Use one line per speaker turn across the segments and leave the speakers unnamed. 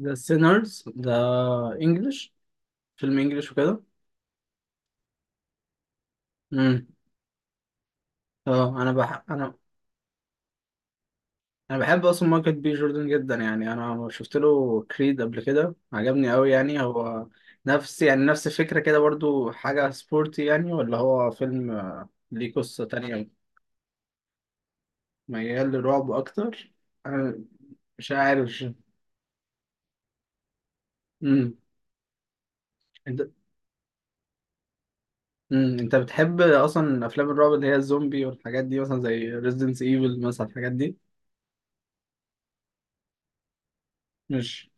ذا سينرز ده انجلش. فيلم انجلش وكده. امم اه، انا انا بحب اصلا مايكل بي جوردن جدا، يعني انا شفت له كريد قبل كده، عجبني قوي. يعني هو نفس، يعني نفس الفكره كده برضو، حاجه سبورتي يعني، ولا هو فيلم ليه قصه تانية؟ ميال للرعب اكتر. انا مش عارف. امم انت، انت بتحب اصلا افلام الرعب اللي هي الزومبي والحاجات دي، مثلا زي ريزيدنس ايفل مثلا، الحاجات دي؟ مش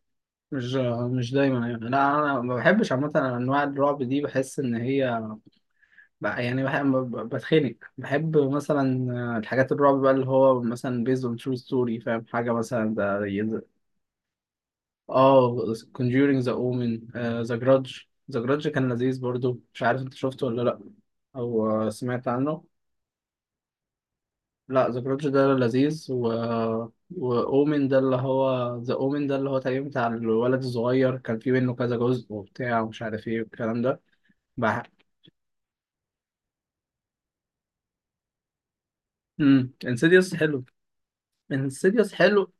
مش مش دايما يعني، لا انا ما بحبش عامه انواع الرعب دي، بحس ان هي بتخنق. بحب مثلا الحاجات الرعب بقى اللي هو مثلا based on true story، فاهم؟ حاجه مثلا ده اه، Conjuring، the Omen، The Grudge. The Grudge كان لذيذ برضو، مش عارف انت شفته ولا لا؟ او سمعت عنه. لا، The Grudge ده لذيذ. و و Omen ده اللي هو The Omen ده، اللي هو تقريبا بتاع الولد الصغير، كان في منه كذا جزء وبتاع ومش عارف ايه والكلام ده. بح... انسيديوس حلو. انسيديوس حلو.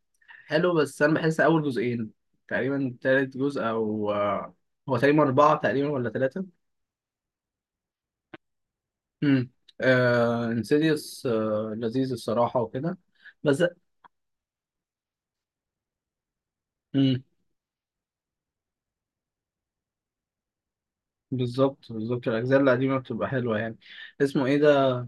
حلو، بس انا بحس اول جزئين تقريبا، تالت جزء او هو تقريبا اربعه تقريبا ولا ثلاثه؟ امم آه، انسيديوس آه لذيذ الصراحه وكده. بس امم بالظبط، بالظبط. الاجزاء القديمه بتبقى حلوه يعني. اسمه ايه ده؟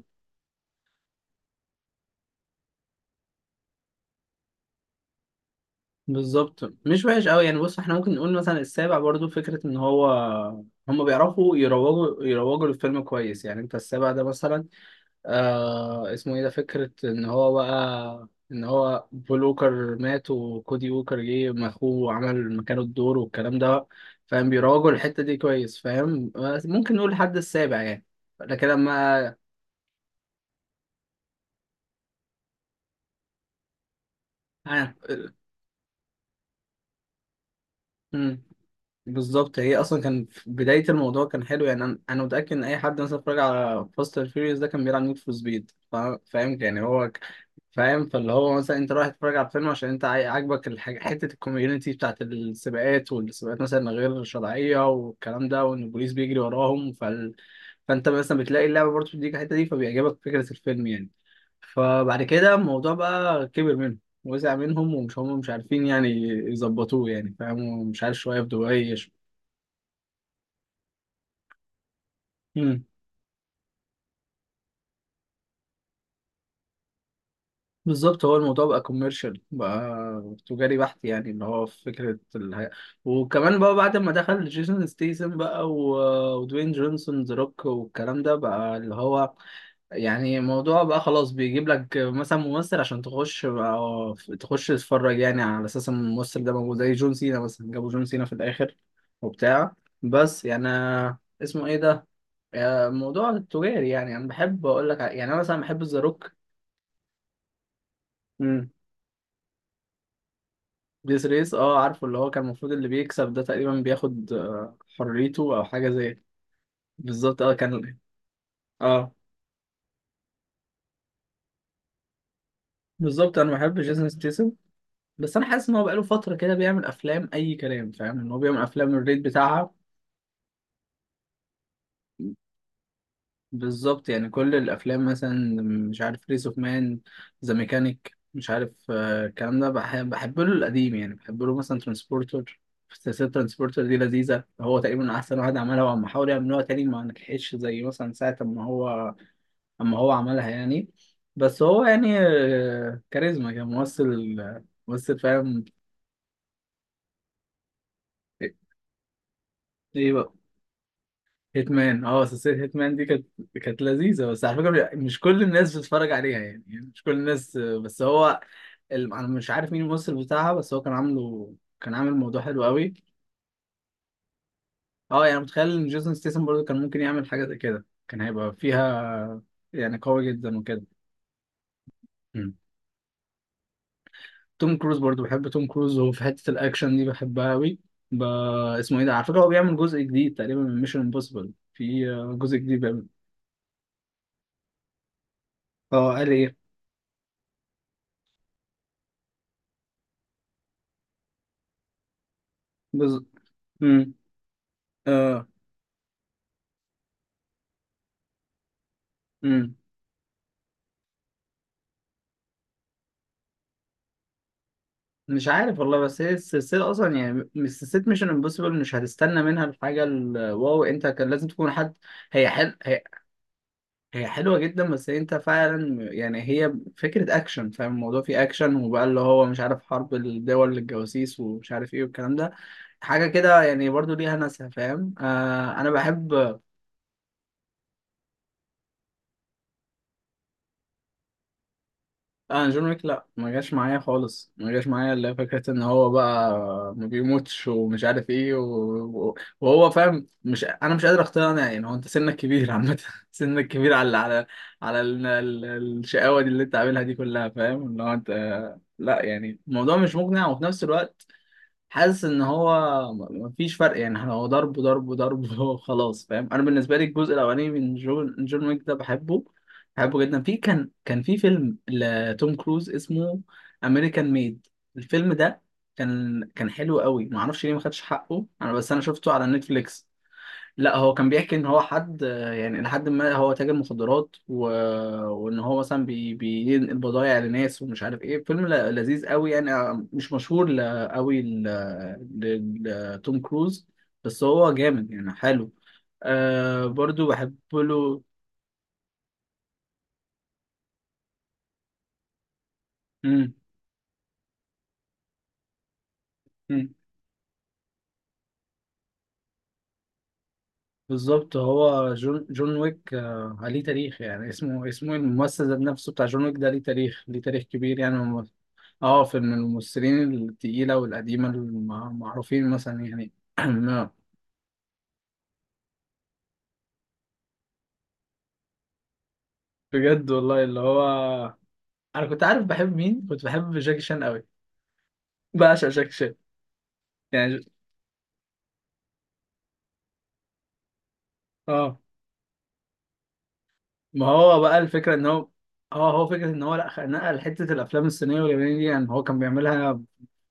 بالظبط، مش وحش قوي يعني. بص، احنا ممكن نقول مثلا السابع برضو، فكره ان هو، هم بيعرفوا يروجوا للفيلم كويس، يعني انت السابع ده مثلا آه، اسمه ايه ده؟ فكرة ان هو بقى، ان هو بول ووكر مات وكودي ووكر جه ما اخوه وعمل مكانه الدور والكلام ده، فاهم؟ بيراجعوا الحتة دي كويس، فاهم؟ بس ممكن نقول الحد السابع يعني. لكن لما آه. مم. بالظبط. هي اصلا كان في بداية الموضوع كان حلو يعني، أنا متأكد ان اي حد مثلا اتفرج على فاست اند فيوريوس ده كان بيلعب نيد فور سبيد، فاهم؟ يعني هو فاهم. فاللي هو مثلا انت رايح تتفرج على الفيلم عشان انت عاجبك الحاجة، حتة الكوميونتي بتاعت السباقات، والسباقات مثلا غير شرعية والكلام ده، وان البوليس بيجري وراهم، فانت مثلا بتلاقي اللعبة برضه بتديك الحتة دي، فبيعجبك فكرة الفيلم يعني. فبعد كده الموضوع بقى كبر منهم، وسع منهم، ومش هم مش عارفين يعني يظبطوه، يعني فاهم، ومش عارف شوية في دبي. بالظبط. هو الموضوع بقى كوميرشال بقى، تجاري بحت يعني، اللي هو في فكرة وكمان بقى بعد ما دخل جيسون ستيسن بقى، ودوين جونسون ذا روك والكلام ده، بقى اللي هو يعني الموضوع بقى خلاص، بيجيب لك مثلا ممثل عشان تخش تتفرج يعني، على أساس إن الممثل ده موجود، زي جون سينا مثلا، جابوا جون سينا في الآخر وبتاع. بس يعني اسمه إيه ده؟ الموضوع التجاري، يعني أنا بحب أقول لك يعني أنا مثلا بحب ذا روك. ديس ريس، اه عارفه، اللي هو كان المفروض اللي بيكسب ده تقريبا بياخد حريته او حاجه زي. بالظبط اه، كان. اه بالظبط، انا بحب جيسون ستيسن. بس انا حاسس ان هو بقاله فتره كده بيعمل افلام اي كلام، فاهم؟ ان هو بيعمل افلام الريت بتاعها. بالظبط. يعني كل الافلام مثلا، مش عارف ريس اوف مان، ذا ميكانيك، مش عارف الكلام ده. بحب له القديم يعني، بحب له مثلا ترانسبورتر. سلسلة ترانسبورتر دي لذيذة، هو تقريبا أحسن واحد عملها، وعم حاول يعملوها تاني ما نجحتش زي مثلا ساعة ما هو، اما هو عملها يعني. بس هو يعني كاريزما، كان ممثل، ممثل فاهم. ايه بقى؟ هيتمان، اه. سلسلة هيتمان دي كانت، كانت لذيذة، بس على فكرة مش كل الناس بتتفرج عليها يعني، يعني مش كل الناس بس هو انا مش عارف مين الممثل بتاعها، بس هو كان عامله، كان عامل موضوع حلو قوي. اه، يعني متخيل ان جيسون ستيسن برضه كان ممكن يعمل حاجة زي كده، كان هيبقى فيها يعني قوي جدا وكده. توم كروز برضو، بحب توم كروز، وفي حتة الأكشن دي بحبها أوي. ب... اسمه إيه ده؟ على فكرة هو بيعمل جزء جديد تقريبا من ميشن امبوسيبل، في جزء جديد بيعمل. اه، قال إيه؟ جزء. امم اه. امم مش عارف والله. بس هي السلسلة أصلا يعني، مش سلسلة ميشن امبوسيبل مش هتستنى منها الحاجة الواو، أنت كان لازم تكون حد. هي، هي حلوة جدا، بس انت فعلا يعني هي فكرة اكشن، فاهم؟ الموضوع فيه اكشن، وبقى اللي هو مش عارف حرب الدول للجواسيس ومش عارف ايه والكلام ده، حاجة كده يعني، برضو ليها ناسها، فاهم؟ آه، انا بحب. لا، انا جون ويك لا، ما جاش معايا خالص ما جاش معايا، الا فكره ان هو بقى ما بيموتش ومش عارف ايه، وهو فاهم، مش انا مش قادر اقتنع يعني. هو انت سنك كبير عامه سنك كبير على على، على الشقاوه دي اللي انت عاملها دي كلها، فاهم؟ اللي هو انت، لا يعني الموضوع مش مقنع. وفي نفس الوقت حاسس ان هو مفيش فرق يعني، احنا هو ضرب ضرب ضرب خلاص، فاهم؟ انا بالنسبه لي الجزء الاولاني من جون ويك ده بحبه، بحبه جدا. في كان، كان في فيلم لتوم كروز اسمه امريكان ميد، الفيلم ده كان، كان حلو قوي، ما اعرفش ليه ما خدش حقه، انا بس انا شفته على نتفليكس. لا، هو كان بيحكي ان هو حد يعني، لحد ما هو تاجر مخدرات وان هو مثلا بينقل بضايع لناس ومش عارف ايه. فيلم لذيذ قوي يعني مش مشهور قوي ل... لتوم كروز، بس هو جامد يعني، حلو. آه، برضو بحب له. مم. مم. بالظبط. هو جون ويك آه عليه تاريخ يعني، اسمه الممثل ذات نفسه بتاع جون ويك ده ليه تاريخ، ليه تاريخ كبير يعني. اه، في من الممثلين التقيلة والقديمة المعروفين مثلا يعني. نعم. بجد والله، اللي هو انا كنت عارف بحب مين؟ كنت بحب جاكي شان قوي، بعشق جاكي شان. يعني ج- اه، ما هو بقى الفكرة ان هو، اه هو فكرة ان هو، لا نقل حتة الافلام الصينية واليابانية دي يعني، هو كان بيعملها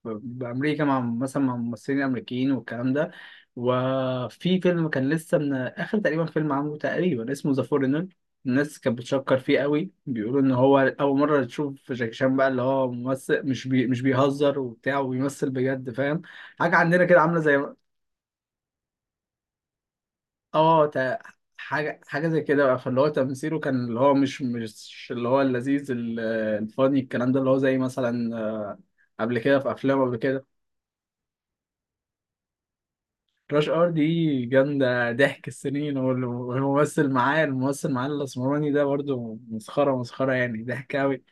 بأمريكا مع مثلا مع ممثلين أمريكيين والكلام ده. وفي فيلم كان لسه من آخر تقريبا فيلم عامله تقريبا اسمه ذا فورنر، الناس كانت بتشكر فيه قوي، بيقولوا إن هو أول مرة تشوف جاكي شان بقى اللي هو ممثل، مش بي مش بيهزر وبتاع، وبيمثل بجد، فاهم؟ حاجة عندنا كده عاملة زي، اه حاجة، حاجة زي كده بقى. فاللي هو تمثيله كان اللي هو مش، مش اللي هو اللذيذ الفاني، الكلام ده، اللي هو زي مثلا قبل كده، في أفلام قبل كده. راش ار دي جامدة، ضحك السنين، والممثل معاه، الممثل معاه الأسمراني ده برضو مسخرة، مسخرة يعني، ضحك أوي.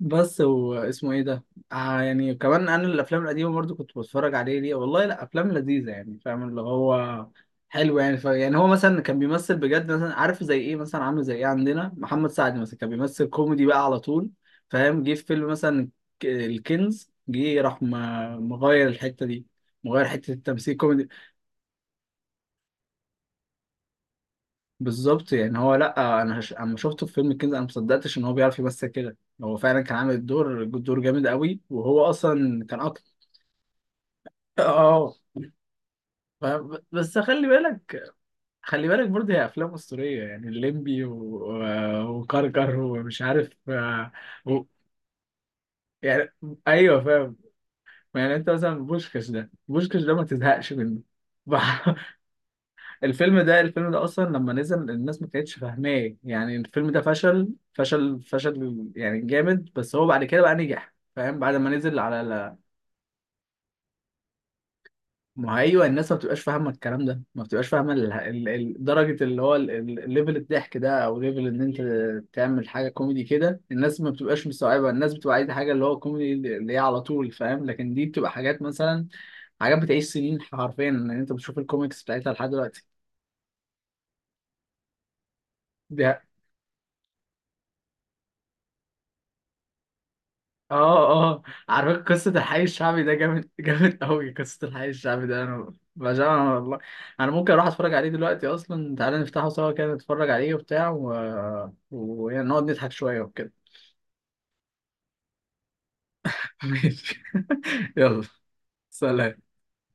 بس واسمه إيه ده؟ آه، يعني كمان أنا الأفلام القديمة برضو كنت بتفرج عليه ليه والله، لا أفلام لذيذة يعني، فاهم؟ اللي هو حلو يعني يعني هو مثلا كان بيمثل بجد، مثلا عارف زي إيه؟ مثلا عامل زي إيه عندنا؟ محمد سعد مثلا، كان بيمثل كوميدي بقى على طول، فاهم؟ جه في فيلم مثلا الكنز، جه راح مغير الحتة دي، مغير حتة التمثيل كوميدي. بالظبط يعني، هو لا انا اما شفته في فيلم الكنز انا ما صدقتش ان هو بيعرف يمثل كده. هو فعلا كان عامل الدور، دور جامد قوي، وهو اصلا كان اكتر. اه ف... بس خلي بالك، خلي بالك برضه هي افلام اسطوريه يعني، الليمبي وكركر ومش عارف و... يعني ايوه، فاهم. يعني انت مثلا بوشكش ده، بوشكش ده ما تزهقش منه الفيلم ده، الفيلم ده اصلا لما نزل الناس ما كانتش فاهماه يعني، الفيلم ده فشل فشل فشل يعني جامد، بس هو بعد كده بقى نجح، فاهم؟ بعد ما نزل على ما هو ايوه، الناس ما بتبقاش فاهمه الكلام ده، ما بتبقاش فاهمه درجه اللي هو الليفل الضحك ده، او ليفل ان انت تعمل حاجه كوميدي كده، الناس ما بتبقاش مستوعبه، الناس بتبقى عايزه حاجه اللي هو كوميدي اللي هي على طول، فاهم؟ لكن دي بتبقى حاجات مثلا، حاجات بتعيش سنين حرفيا، ان انت بتشوف الكوميكس بتاعتها لحد دلوقتي. دي اه، اه عارفين قصة الحي الشعبي ده؟ جامد، جامد قوي قصة الحي الشعبي ده، انا بعشقها والله. انا ممكن اروح اتفرج عليه دلوقتي اصلا، تعالى نفتحه سوا كده نتفرج عليه وبتاع ونقعد نضحك شوية وكده ماشي يلا، سلام.